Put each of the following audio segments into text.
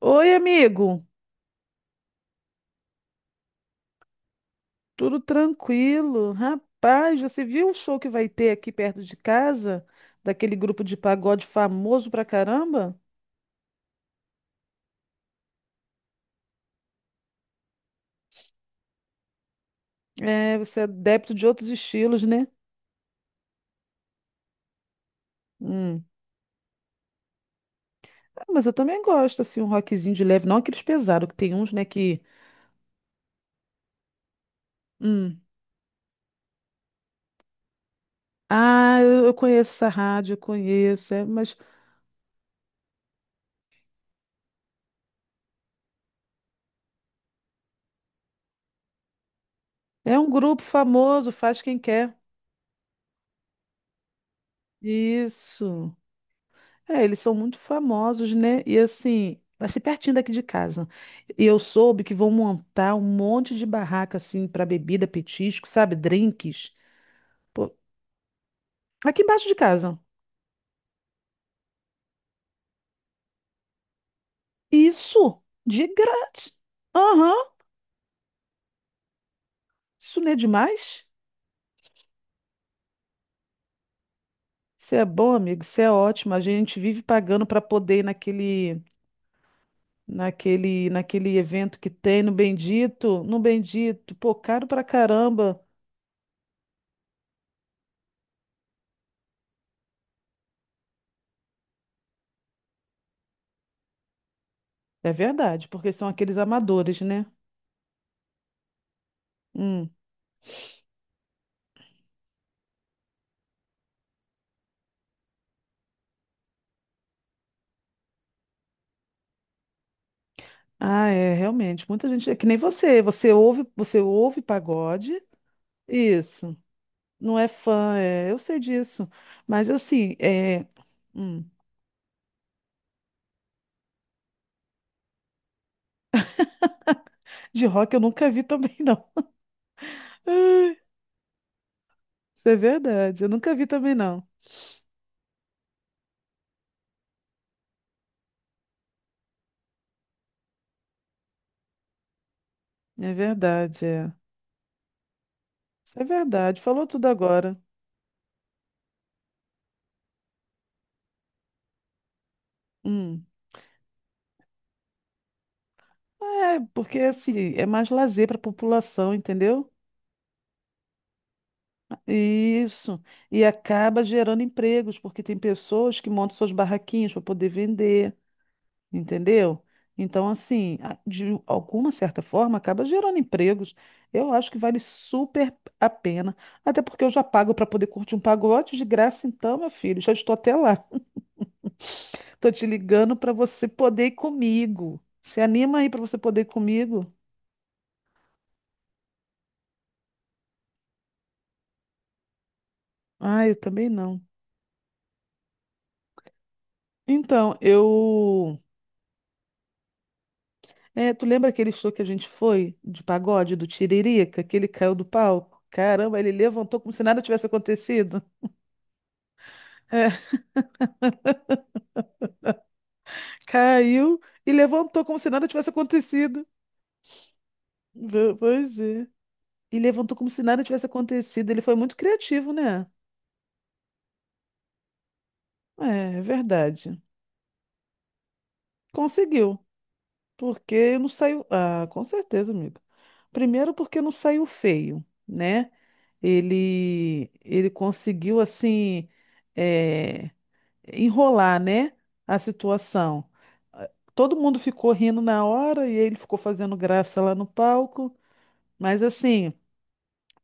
Oi, amigo. Tudo tranquilo? Rapaz, você viu o show que vai ter aqui perto de casa? Daquele grupo de pagode famoso pra caramba? É, você é adepto de outros estilos, né? Hum. Ah, mas eu também gosto, assim, um rockzinho de leve, não aqueles pesados, que tem uns, né, que... Hum. Ah, eu conheço essa rádio, eu conheço, é, mas é um grupo famoso, faz quem quer. Isso. É, eles são muito famosos, né? E assim, vai ser pertinho daqui de casa. E eu soube que vão montar um monte de barraca assim para bebida, petisco, sabe? Drinks. Pô, aqui embaixo de casa. Isso, de grátis. Aham, isso não é demais? Isso é bom, amigo, isso é ótimo. A gente vive pagando para poder ir naquele, naquele, naquele evento que tem no Bendito, no Bendito. Pô, caro pra caramba. É verdade, porque são aqueles amadores, né? Hum. Ah, é, realmente. Muita gente. É que nem você. Você ouve pagode. Isso. Não é fã, é, eu sei disso. Mas assim, hum, de rock eu nunca vi também, não. Ai, isso é verdade. Eu nunca vi também, não. É verdade, é. É verdade. Falou tudo agora. Hum. É, porque assim, é mais lazer para a população, entendeu? Isso. E acaba gerando empregos, porque tem pessoas que montam suas barraquinhas para poder vender. Entendeu? Então, assim, a- de alguma certa forma, acaba gerando empregos. Eu acho que vale super a pena. Até porque eu já pago para poder curtir um pagode de graça, então, meu filho, já estou até lá. Tô te ligando para você poder ir comigo. Se anima aí para você poder ir comigo? Ah, eu também não. Então, eu. É, tu lembra aquele show que a gente foi de pagode do Tiririca, que ele caiu do palco? Caramba, ele levantou como se nada tivesse acontecido. Caiu e levantou como se nada tivesse acontecido. Ve- Pois é. E levantou como se nada tivesse acontecido. Ele foi muito criativo, né? É, é verdade. Conseguiu. Porque não saiu. Ah, com certeza, amigo. Primeiro, porque não saiu feio, né? Ele conseguiu, assim, é, enrolar, né? A situação. Ah, todo mundo ficou rindo na hora e ele ficou fazendo graça lá no palco. Mas, assim.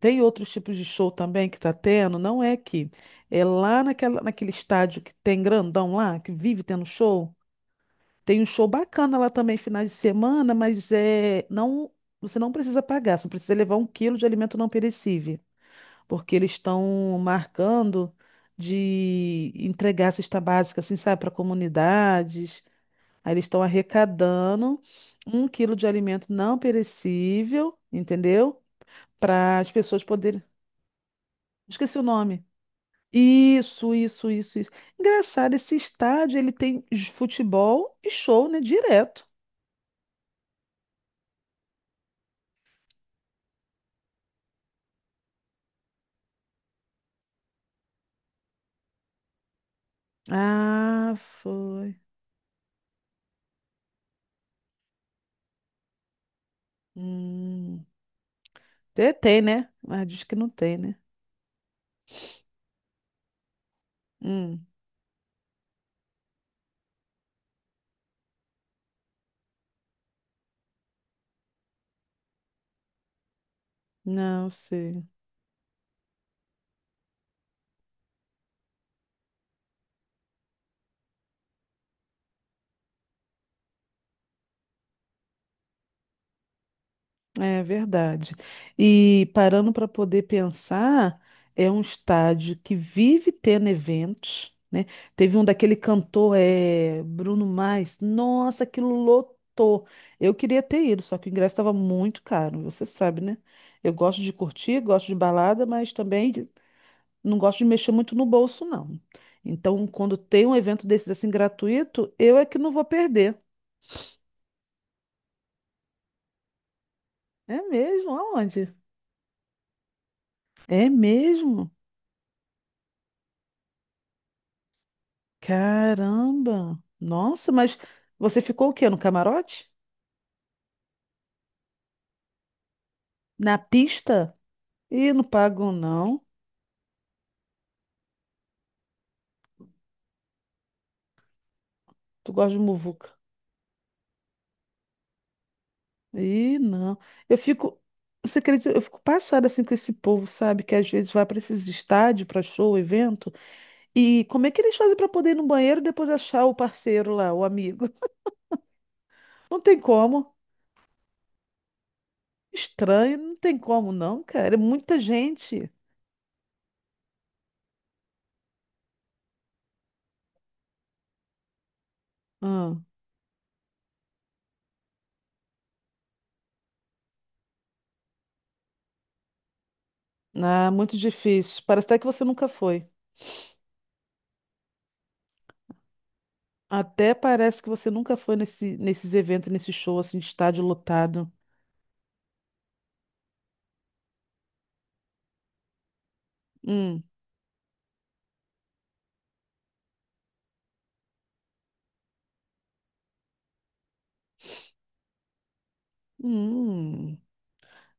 Tem outros tipos de show também que tá tendo, não é aqui. É lá naquela, naquele estádio que tem grandão lá, que vive tendo show. Tem um show bacana lá também, finais de semana, mas é não, você não precisa pagar, só precisa levar um quilo de alimento não perecível, porque eles estão marcando de entregar cesta básica, assim, sabe, para comunidades. Aí eles estão arrecadando um quilo de alimento não perecível, entendeu? Para as pessoas poderem. Esqueci o nome. Isso, isso, isso, isso. Engraçado, esse estádio ele tem j- futebol e show, né? Direto. Ah, foi. Hum. Te- Tem, né? Ah, diz que não tem, né? Hum. Não sei. É verdade. E parando para poder pensar, é um estádio que vive tendo eventos, né? Teve um daquele cantor, é, Bruno Mars. Nossa, aquilo lotou. Eu queria ter ido, só que o ingresso estava muito caro, você sabe, né? Eu gosto de curtir, gosto de balada, mas também não gosto de mexer muito no bolso, não. Então, quando tem um evento desses assim gratuito, eu é que não vou perder. É mesmo? Aonde? É mesmo? Caramba! Nossa, mas você ficou o quê? No camarote? Na pista? Ih, não pago não. Tu gosta de muvuca? Ih, não. Eu fico, você acredita? Eu fico passada assim com esse povo, sabe? Que às vezes vai para esses estádios, para show, evento. E como é que eles fazem para poder ir no banheiro e depois achar o parceiro lá, o amigo? Não tem como. Estranho, não tem como não, cara. É muita gente. Ah, ah, muito difícil. Parece até que você nunca foi. Até parece que você nunca foi nesse, nesses eventos, nesse show assim de estádio lotado. Hum, hum.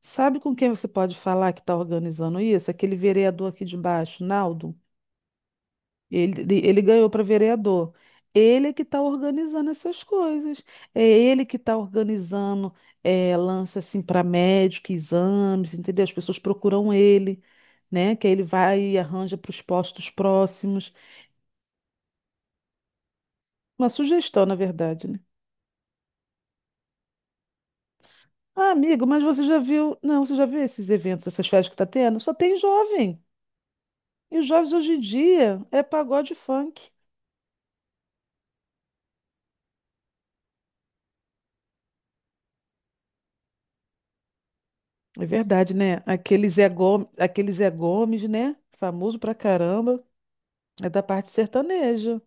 Sabe com quem você pode falar que está organizando isso? Aquele vereador aqui de baixo, Naldo. Ele ganhou para vereador. Ele é que está organizando essas coisas. É ele que está organizando é, lance assim para médico, exames, entendeu? As pessoas procuram ele, né? Que aí ele vai e arranja para os postos próximos. Uma sugestão, na verdade, né? Ah, amigo, mas você já viu. Não, você já viu esses eventos, essas festas que tá tendo? Só tem jovem. E os jovens hoje em dia é pagode e funk. É verdade, né? Aquele Zé Gomes, né? Famoso pra caramba. É da parte sertaneja.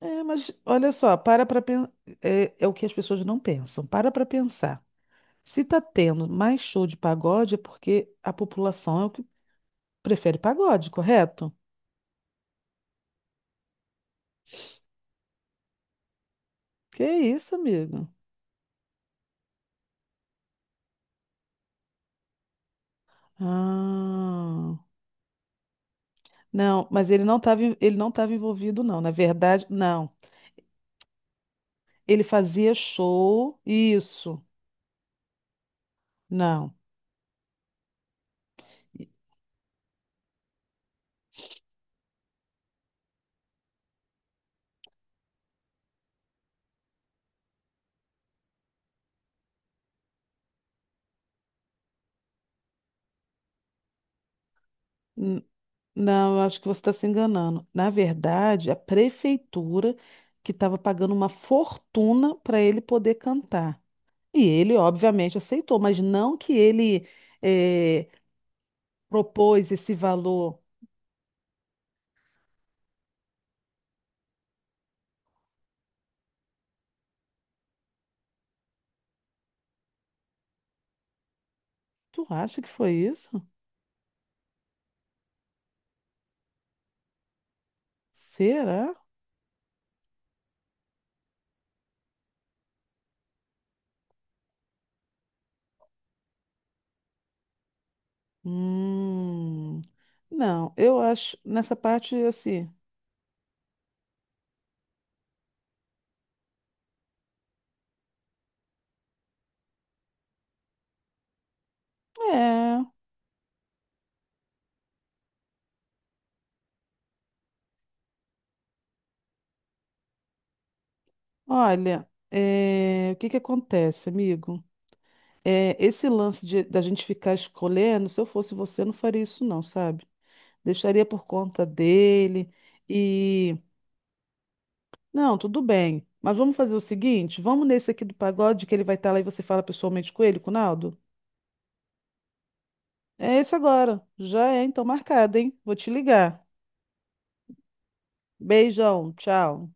É, mas olha só, para pra pensar. É, é o que as pessoas não pensam. Para pra pensar. Se tá tendo mais show de pagode, é porque a população é o que prefere pagode, correto? Que isso, amigo? Ah. Não, mas ele não estava envolvido, não. Na verdade, não. Ele fazia show. Isso. Não. N- Não, eu acho que você está se enganando. Na verdade, a prefeitura que estava pagando uma fortuna para ele poder cantar. E ele, obviamente, aceitou, mas não que ele eh, propôs esse valor. Tu acha que foi isso? Será? Hum, não, eu acho nessa parte assim. É. Olha, o que que acontece, amigo? Esse lance de- da gente ficar escolhendo, se eu fosse você, não faria isso não, sabe? Deixaria por conta dele e... Não, tudo bem, mas vamos fazer o seguinte, vamos nesse aqui do pagode que ele vai estar lá e você fala pessoalmente com ele, com o Naldo? É esse agora, já é então marcado, hein? Vou te ligar. Beijão, tchau.